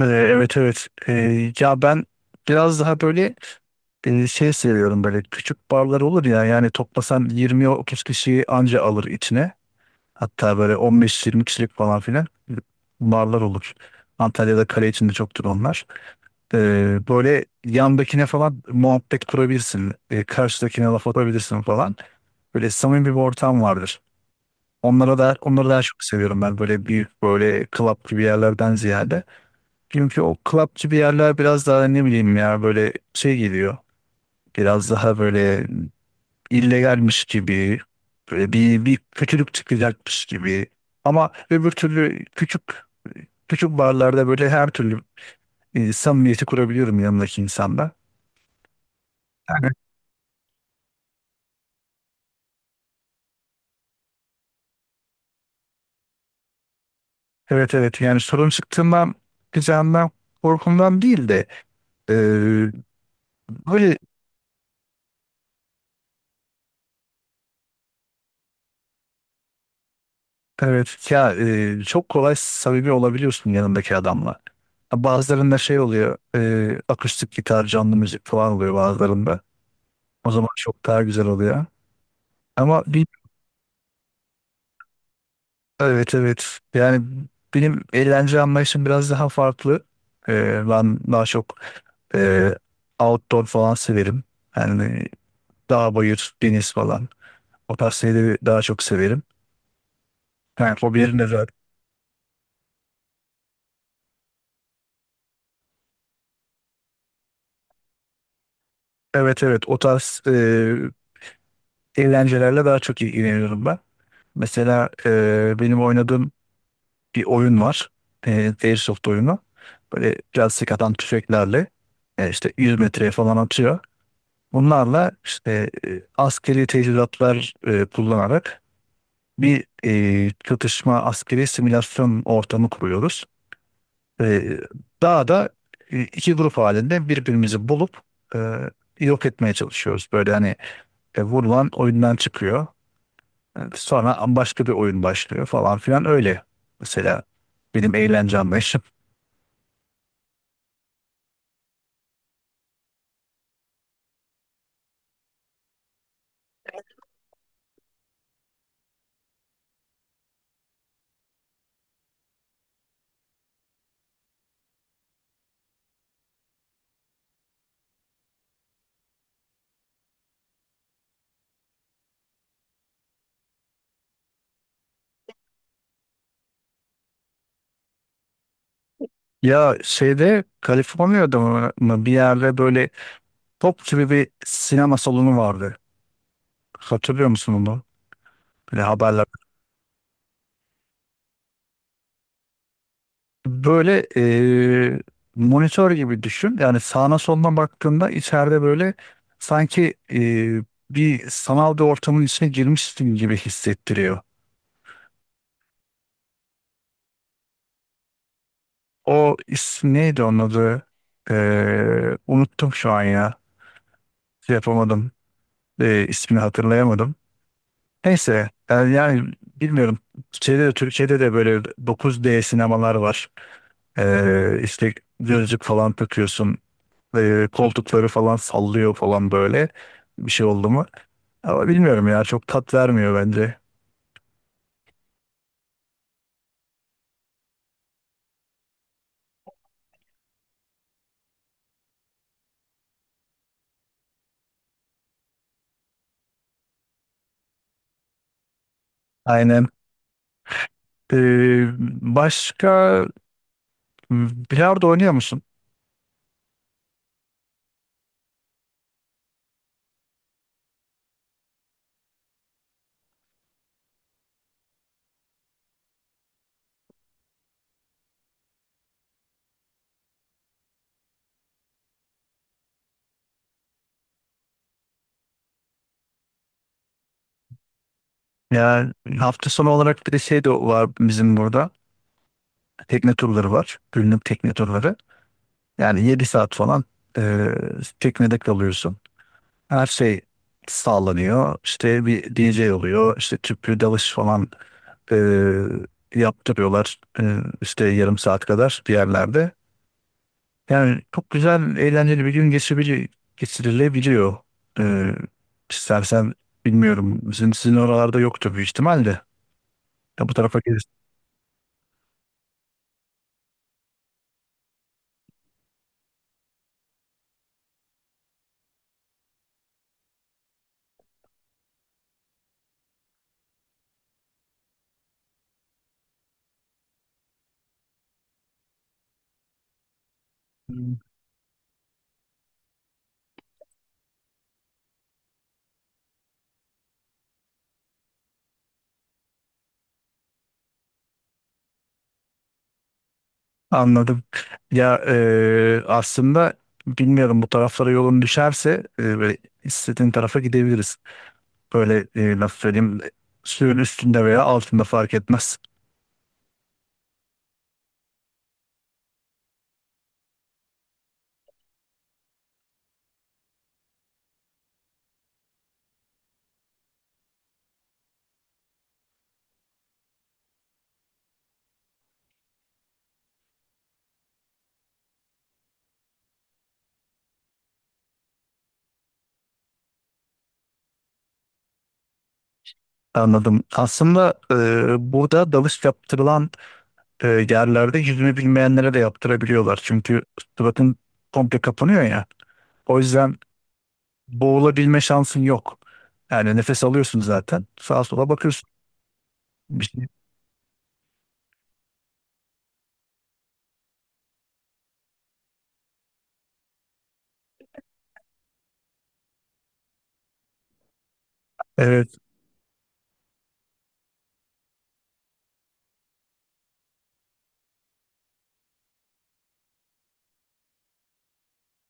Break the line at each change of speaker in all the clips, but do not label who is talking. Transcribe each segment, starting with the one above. Evet, evet. Ya ben biraz daha böyle şey seviyorum. Böyle küçük barlar olur ya, yani toplasan 20 30 kişiyi anca alır içine, hatta böyle 15 20 kişilik falan filan barlar olur. Antalya'da kale içinde çoktur onlar. Böyle yandakine falan muhabbet kurabilirsin. Karşıdakine laf atabilirsin falan. Böyle samimi bir ortam vardır. Onlara da, onları daha çok seviyorum ben, böyle büyük böyle club gibi yerlerden ziyade. Çünkü o clubçı bir yerler biraz daha ne bileyim ya, böyle şey geliyor. Biraz daha böyle illegalmiş gibi. Böyle bir kötülük çıkacakmış gibi. Ama öbür türlü küçük küçük barlarda böyle her türlü samimiyeti kurabiliyorum yanımdaki insanla. Yani, evet, evet, yani sorun çıktığından, çıkacağından korkumdan değil de, e, böyle. Evet ya, çok kolay samimi olabiliyorsun yanındaki adamla. Ha, bazılarında şey oluyor, akustik gitar, canlı müzik falan oluyor bazılarında. O zaman çok daha güzel oluyor. Ama bir Evet, evet, yani benim eğlence anlayışım biraz daha farklı. Ben daha çok e, outdoor falan severim. Yani dağ bayır deniz falan, o tarz şeyleri daha çok severim. Yani hobilerim de zaten. Evet, evet, o tarz eğlencelerle daha çok ilgileniyorum ben. Mesela benim oynadığım bir oyun var. Airsoft oyunu. Böyle biraz sıkadan tüfeklerle işte 100 metreye falan atıyor. Bunlarla işte askeri teçhizatlar kullanarak bir çatışma, askeri simülasyon ortamı kuruyoruz. E, daha da 2 grup halinde birbirimizi bulup e, yok etmeye çalışıyoruz. Böyle hani vurulan oyundan çıkıyor. Evet, sonra başka bir oyun başlıyor falan filan öyle. Mesela benim eğlencem beş. Ya şeyde, Kaliforniya'da mı bir yerde böyle top gibi bir sinema salonu vardı. Hatırlıyor musun onu? Böyle haberler. Böyle monitör gibi düşün. Yani sağına soluna baktığında, içeride böyle sanki bir sanal bir ortamın içine girmişsin gibi hissettiriyor. O isim neydi, onun adı? Unuttum şu an ya. Şey yapamadım. İsmini hatırlayamadım. Neyse yani bilmiyorum. Türkiye'de de böyle 9D sinemalar var. İşte gözlük falan takıyorsun. Koltukları falan sallıyor falan, böyle bir şey oldu mu? Ama bilmiyorum ya, çok tat vermiyor bence. Aynen. Ee, Başka, bilardo oynuyor musun? Yani hafta sonu olarak bir de şey de var bizim burada. Tekne turları var. Günlük tekne turları. Yani 7 saat falan e, teknede kalıyorsun. Her şey sağlanıyor. İşte bir DJ oluyor. İşte tüplü dalış falan e, yaptırıyorlar. İşte yarım saat kadar bir yerlerde. Yani çok güzel, eğlenceli bir gün geçirebilir, geçirilebiliyor. Ee, istersen bilmiyorum, sizin oralarda yoktur büyük ihtimalle. Ya bu tarafa gelirsin. Hmm. Anladım. Ya aslında bilmiyorum, bu taraflara yolun düşerse böyle istediğin tarafa gidebiliriz. Böyle nasıl söyleyeyim, suyun üstünde veya altında fark etmez. Anladım. Aslında burada dalış yaptırılan yerlerde yüzme bilmeyenlere de yaptırabiliyorlar. Çünkü suratın komple kapanıyor ya. O yüzden boğulabilme şansın yok. Yani nefes alıyorsun zaten. Sağa sola bakıyorsun. Bir şey. Evet.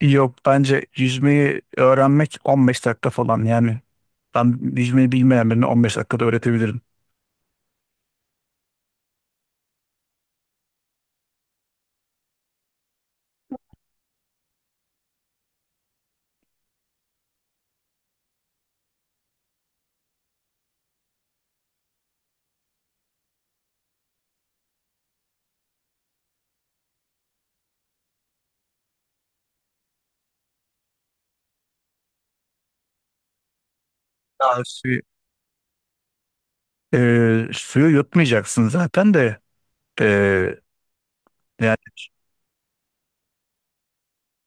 Yok, bence yüzmeyi öğrenmek 15 dakika falan. Yani ben yüzmeyi bilmeyen birine 15 dakikada öğretebilirim. Daha suyu yutmayacaksın zaten de. E, Yani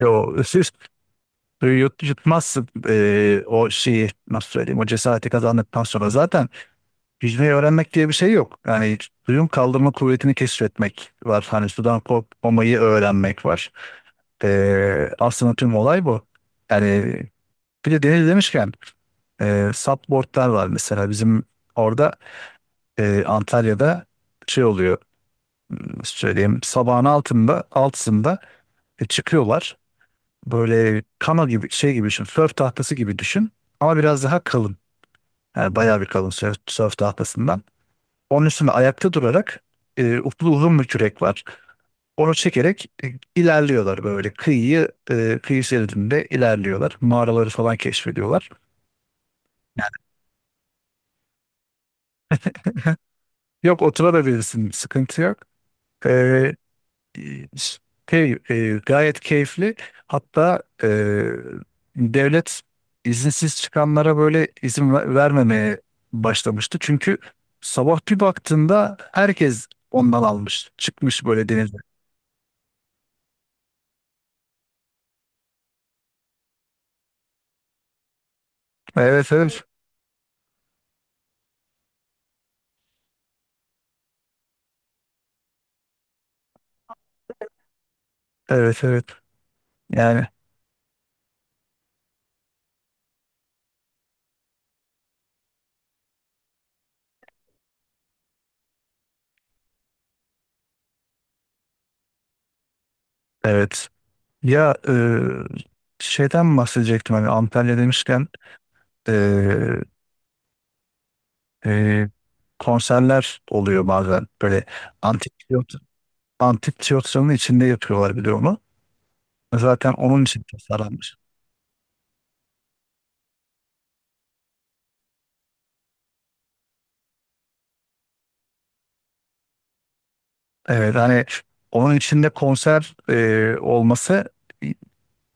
o Suyu yutmazsın, o şeyi nasıl söyleyeyim, o cesareti kazandıktan sonra zaten yüzmeyi öğrenmek diye bir şey yok. Yani suyun kaldırma kuvvetini keşfetmek var. Hani sudan korkmamayı öğrenmek var. Aslında tüm olay bu. Yani bir de deniz demişken supboardlar var, mesela bizim orada, Antalya'da şey oluyor, nasıl söyleyeyim, sabahın 6'sında çıkıyorlar. Böyle kano gibi, şey gibi düşün, sörf tahtası gibi düşün, ama biraz daha kalın. Yani bayağı bir kalın sörf tahtasından. Onun üstüne ayakta durarak uplu uzun bir kürek var. Onu çekerek ilerliyorlar, böyle kıyı şeridinde ilerliyorlar. Mağaraları falan keşfediyorlar. Yok, oturabilirsin, sıkıntı yok. E, e, Gayet keyifli. Hatta devlet izinsiz çıkanlara böyle izin vermemeye başlamıştı. Çünkü sabah bir baktığında herkes ondan almış, çıkmış böyle deniz Evet, evet. Evet, evet. Yani evet. Ya şeyden bahsedecektim, hani Antalya demişken e, e, konserler oluyor bazen. Böyle antik tiyatro, antik tiyatronun içinde yapıyorlar, biliyor de. Zaten onun için tasarlanmış. Evet, hani onun içinde konser olması,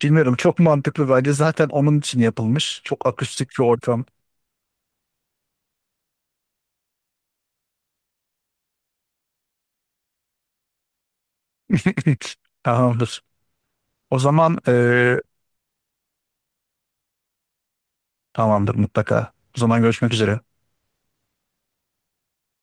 bilmiyorum, çok mantıklı bence, zaten onun için yapılmış. Çok akustik bir ortam. Tamamdır. O zaman tamamdır mutlaka. O zaman görüşmek üzere.